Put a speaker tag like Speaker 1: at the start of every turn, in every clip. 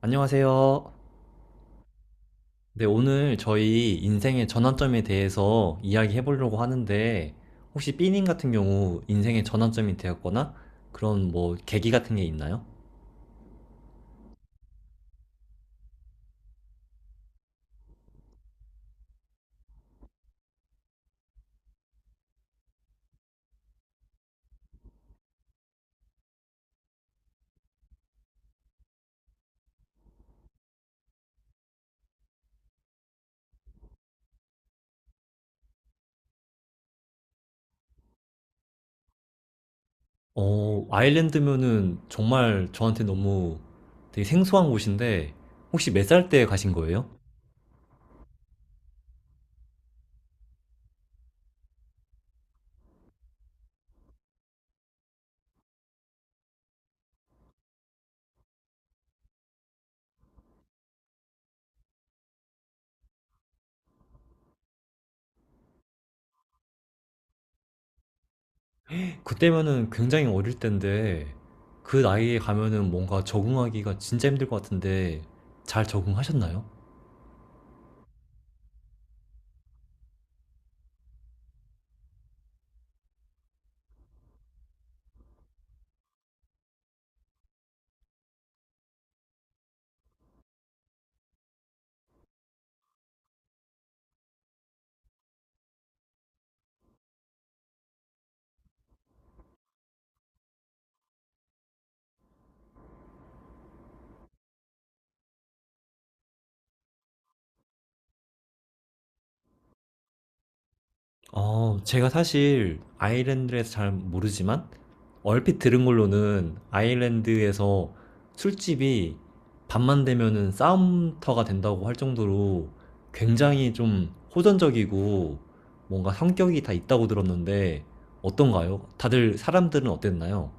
Speaker 1: 안녕하세요. 네, 오늘 저희 인생의 전환점에 대해서 이야기해 보려고 하는데, 혹시 삐님 같은 경우 인생의 전환점이 되었거나 그런 뭐 계기 같은 게 있나요? 아일랜드면은 정말 저한테 너무 되게 생소한 곳인데, 혹시 몇 살 때 가신 거예요? 그때면은 굉장히 어릴 때인데, 그 나이에 가면은 뭔가 적응하기가 진짜 힘들 것 같은데, 잘 적응하셨나요? 제가 사실 아일랜드에서 잘 모르지만 얼핏 들은 걸로는 아일랜드에서 술집이 밤만 되면은 싸움터가 된다고 할 정도로 굉장히 좀 호전적이고 뭔가 성격이 다 있다고 들었는데 어떤가요? 다들 사람들은 어땠나요?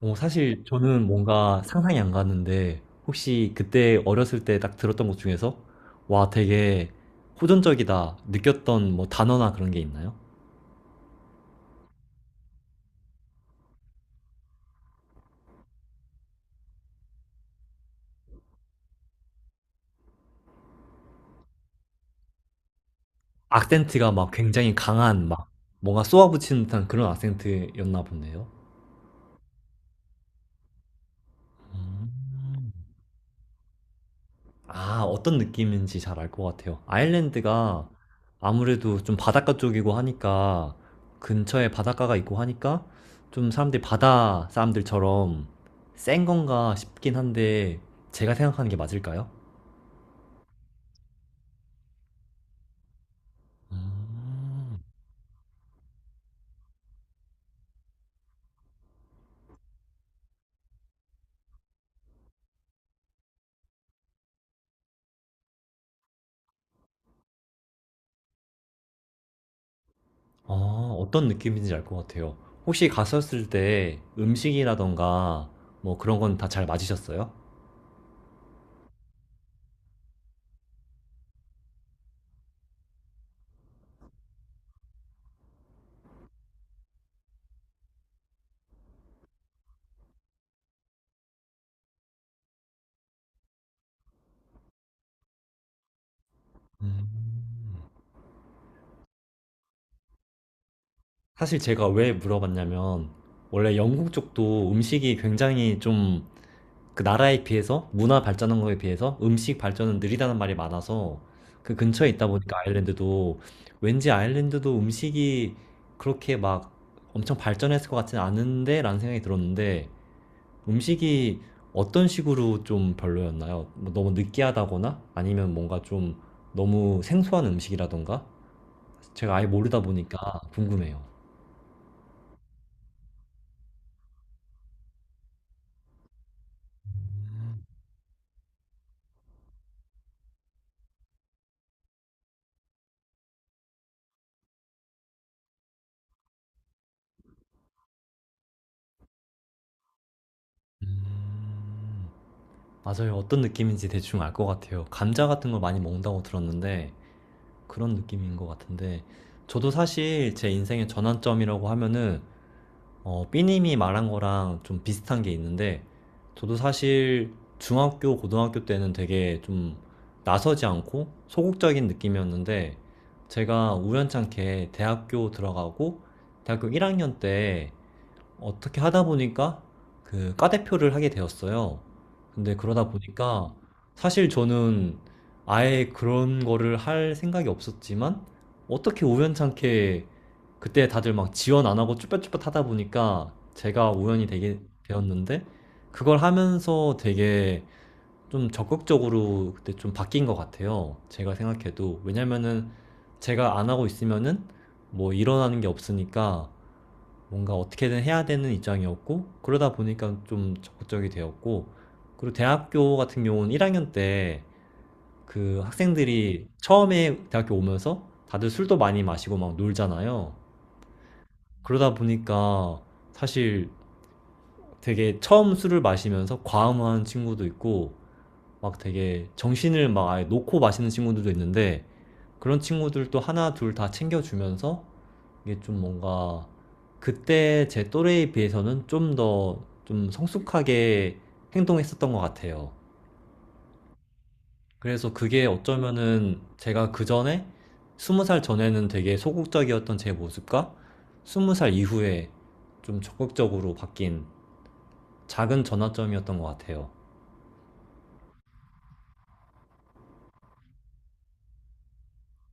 Speaker 1: 사실 저는 뭔가 상상이 안 가는데 혹시 그때 어렸을 때 딱 들었던 것 중에서 와, 되게 호전적이다 느꼈던 뭐 단어나 그런 게 있나요? 악센트가 막 굉장히 강한 막 뭔가 쏘아붙이는 듯한 그런 악센트였나 보네요. 음. 아, 어떤 느낌인지 잘 알 것 같아요. 아일랜드가 아무래도 좀 바닷가 쪽이고 하니까 근처에 바닷가가 있고 하니까 좀 사람들이 바다 사람들처럼 센 건가 싶긴 한데 제가 생각하는 게 맞을까요? 음. 아, 어떤 느낌인지 알 것 같아요. 혹시 갔었을 때 음식이라던가 뭐 그런 건 다 잘 맞으셨어요? 음. 사실 제가 왜 물어봤냐면, 원래 영국 쪽도 음식이 굉장히 좀 그 나라에 비해서, 문화 발전한 거에 비해서 음식 발전은 느리다는 말이 많아서 그 근처에 있다 보니까 아일랜드도 왠지 아일랜드도 음식이 그렇게 막 엄청 발전했을 것 같지는 않은데 라는 생각이 들었는데 음식이 어떤 식으로 좀 별로였나요? 뭐 너무 느끼하다거나 아니면 뭔가 좀 너무 생소한 음식이라던가? 제가 아예 모르다 보니까 궁금해요. 음. 맞아요. 어떤 느낌인지 대충 알 것 같아요. 감자 같은 걸 많이 먹는다고 들었는데 그런 느낌인 것 같은데 저도 사실 제 인생의 전환점이라고 하면은 삐님이 말한 거랑 좀 비슷한 게 있는데 저도 사실 중학교, 고등학교 때는 되게 좀 나서지 않고 소극적인 느낌이었는데 제가 우연찮게 대학교 들어가고 대학교 1학년 때 어떻게 하다 보니까 그 과대표를 하게 되었어요. 근데 그러다 보니까 사실 저는 아예 그런 거를 할 생각이 없었지만 어떻게 우연찮게 그때 다들 막 지원 안 하고 쭈뼛쭈뼛 하다 보니까 제가 우연히 되게 되었는데 그걸 하면서 되게 좀 적극적으로 그때 좀 바뀐 것 같아요. 제가 생각해도. 왜냐면은 제가 안 하고 있으면은 뭐 일어나는 게 없으니까 뭔가 어떻게든 해야 되는 입장이었고 그러다 보니까 좀 적극적이 되었고 그리고 대학교 같은 경우는 1학년 때 그 학생들이 처음에 대학교 오면서 다들 술도 많이 마시고 막 놀잖아요. 그러다 보니까 사실 되게 처음 술을 마시면서 과음한 친구도 있고 막 되게 정신을 막 아예 놓고 마시는 친구들도 있는데 그런 친구들도 하나 둘 다 챙겨주면서 이게 좀 뭔가 그때 제 또래에 비해서는 좀 더 좀 성숙하게 행동했었던 것 같아요. 그래서 그게 어쩌면은 제가 그 전에 스무 살 전에는 되게 소극적이었던 제 모습과 스무 살 이후에 좀 적극적으로 바뀐 작은 전환점이었던 것 같아요.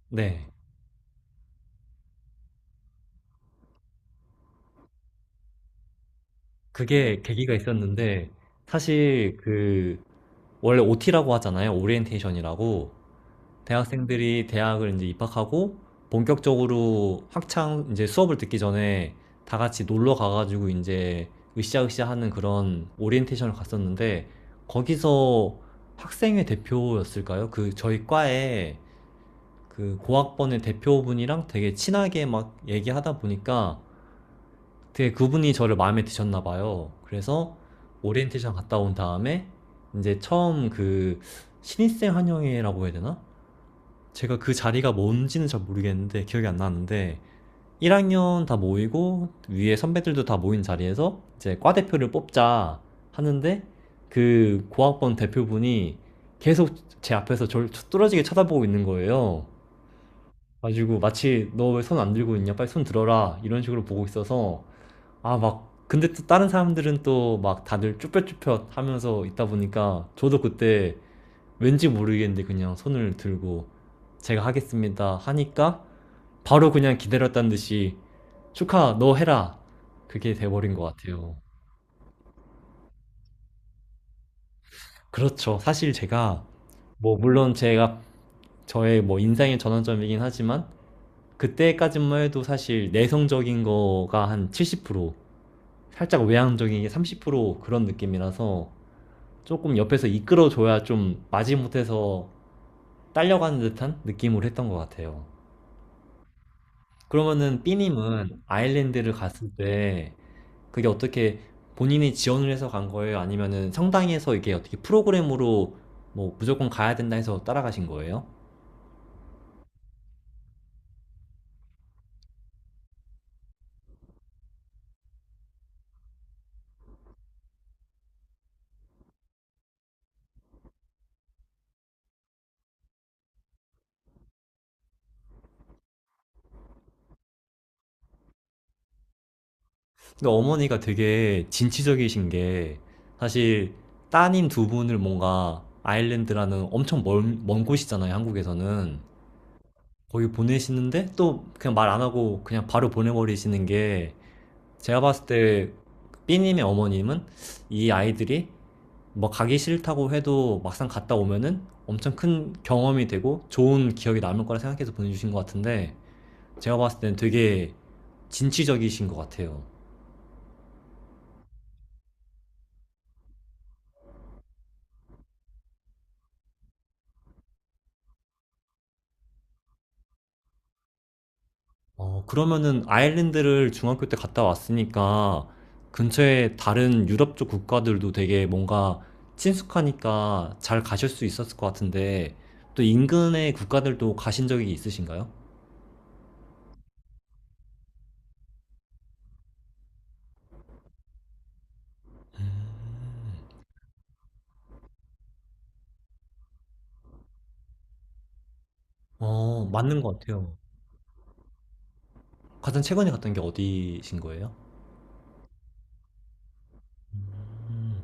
Speaker 1: 네. 그게 계기가 있었는데 사실 그 원래 OT라고 하잖아요. 오리엔테이션이라고. 대학생들이 대학을 이제 입학하고 본격적으로 학창 이제 수업을 듣기 전에 다 같이 놀러 가가지고 이제 으쌰으쌰 하는 그런 오리엔테이션을 갔었는데 거기서 학생회 대표였을까요? 그 저희 과에 그 고학번의 대표분이랑 되게 친하게 막 얘기하다 보니까 되게 그분이 저를 마음에 드셨나 봐요. 그래서 오리엔테이션 갔다 온 다음에 이제 처음 그 신입생 환영회라고 해야 되나? 제가 그 자리가 뭔지는 잘 모르겠는데 기억이 안 나는데 1학년 다 모이고 위에 선배들도 다 모인 자리에서 이제 과 대표를 뽑자 하는데 그 고학번 대표분이 계속 제 앞에서 저를 뚫어지게 쳐다보고 있는 거예요. 가지고 마치 너 왜 손 안 들고 있냐 빨리 손 들어라 이런 식으로 보고 있어서 아, 막, 근데 또 다른 사람들은 또 막 다들 쭈뼛쭈뼛 하면서 있다 보니까 저도 그때 왠지 모르겠는데 그냥 손을 들고 제가 하겠습니다 하니까 바로 그냥 기다렸다는 듯이 축하, 너 해라. 그게 돼버린 것 같아요. 그렇죠. 사실 제가 뭐 물론 제가 저의 뭐 인생의 전환점이긴 하지만 그때까지만 해도 사실 내성적인 거가 한 70%, 살짝 외향적인 게 30% 그런 느낌이라서 조금 옆에서 이끌어줘야 좀 마지못해서 딸려가는 듯한 느낌을 했던 것 같아요. 그러면은 삐님은 아일랜드를 갔을 때 그게 어떻게 본인이 지원을 해서 간 거예요? 아니면은 성당에서 이게 어떻게 프로그램으로 뭐 무조건 가야 된다 해서 따라가신 거예요? 근데 어머니가 되게 진취적이신 게 사실 따님 두 분을 뭔가 아일랜드라는 엄청 먼, 먼 곳이잖아요, 한국에서는. 거기 보내시는데 또 그냥 말 안 하고 그냥 바로 보내버리시는 게 제가 봤을 때 B님의 어머님은 이 아이들이 뭐 가기 싫다고 해도 막상 갔다 오면은 엄청 큰 경험이 되고 좋은 기억이 남을 거라 생각해서 보내주신 것 같은데 제가 봤을 땐 되게 진취적이신 것 같아요. 그러면은 아일랜드를 중학교 때 갔다 왔으니까 근처에 다른 유럽 쪽 국가들도 되게 뭔가 친숙하니까 잘 가실 수 있었을 것 같은데 또 인근의 국가들도 가신 적이 있으신가요? 맞는 것 같아요. 가장 최근에 갔던 게 어디신 거예요? 음,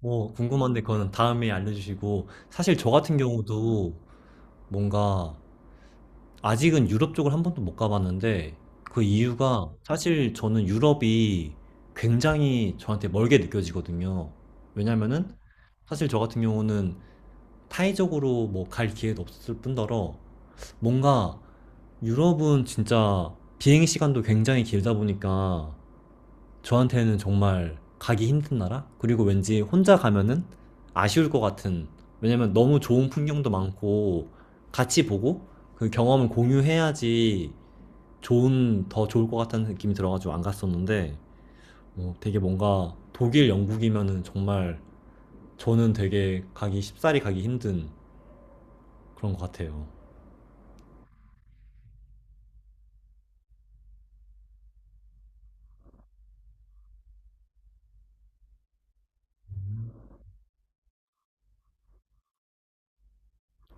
Speaker 1: 뭐 궁금한데 그거는 다음에 알려주시고 사실 저 같은 경우도 뭔가 아직은 유럽 쪽을 한 번도 못 가봤는데 그 이유가 사실 저는 유럽이 굉장히 저한테 멀게 느껴지거든요. 왜냐면은 사실 저 같은 경우는 타이적으로 뭐 갈 기회도 없었을 뿐더러 뭔가 유럽은 진짜 비행 시간도 굉장히 길다 보니까 저한테는 정말 가기 힘든 나라? 그리고 왠지 혼자 가면은 아쉬울 것 같은 왜냐면 너무 좋은 풍경도 많고 같이 보고 그 경험을 공유해야지 좋은 더 좋을 것 같다는 느낌이 들어가지고 안 갔었는데 뭐 되게 뭔가 독일 영국이면은 정말 저는 되게 가기 쉽사리 가기 힘든 그런 것 같아요.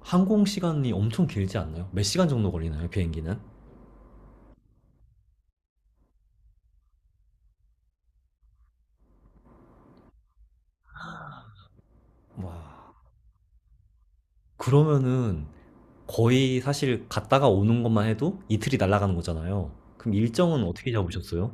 Speaker 1: 항공 시간이 엄청 길지 않나요? 몇 시간 정도 걸리나요 비행기는? 와, 그러면은 거의 사실 갔다가 오는 것만 해도 이틀이 날아가는 거잖아요. 그럼 일정은 어떻게 잡으셨어요?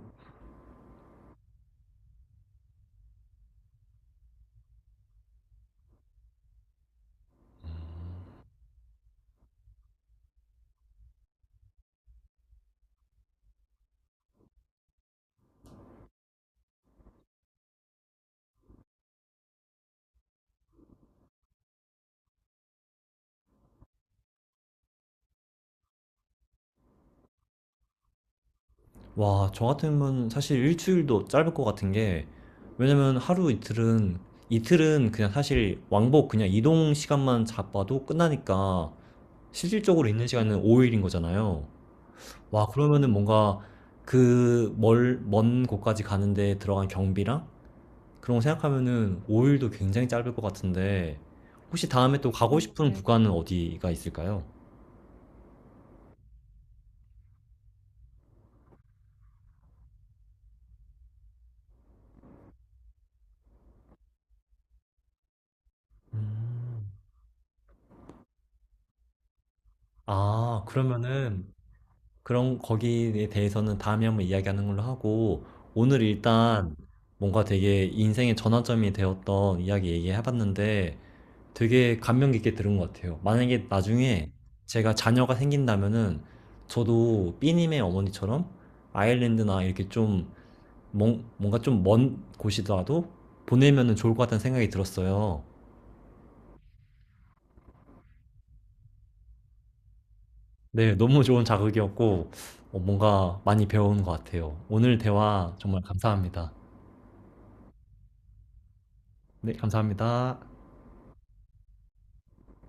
Speaker 1: 와, 저 같으면 사실 일주일도 짧을 것 같은 게, 왜냐면 하루 이틀은, 이틀은 그냥 사실 왕복 그냥 이동 시간만 잡아도 끝나니까, 실질적으로 있는 시간은 5일인 거잖아요. 와, 그러면은 뭔가 그 먼 곳까지 가는데 들어간 경비랑 그런 거 생각하면은 5일도 굉장히 짧을 것 같은데, 혹시 다음에 또 가고 싶은 네. 구간은 어디가 있을까요? 음. 아, 그러면은 그런 거기에 대해서는 다음에 한번 이야기하는 걸로 하고 오늘 일단 뭔가 되게 인생의 전환점이 되었던 이야기 얘기해봤는데 되게 감명 깊게 들은 것 같아요. 만약에 나중에 제가 자녀가 생긴다면은 저도 삐님의 어머니처럼 아일랜드나 이렇게 좀 뭔가 좀 먼 곳이라도 보내면은 좋을 것 같다는 생각이 들었어요. 네, 너무 좋은 자극이었고 뭔가 많이 배운 것 같아요. 오늘 대화 정말 감사합니다. 네, 감사합니다.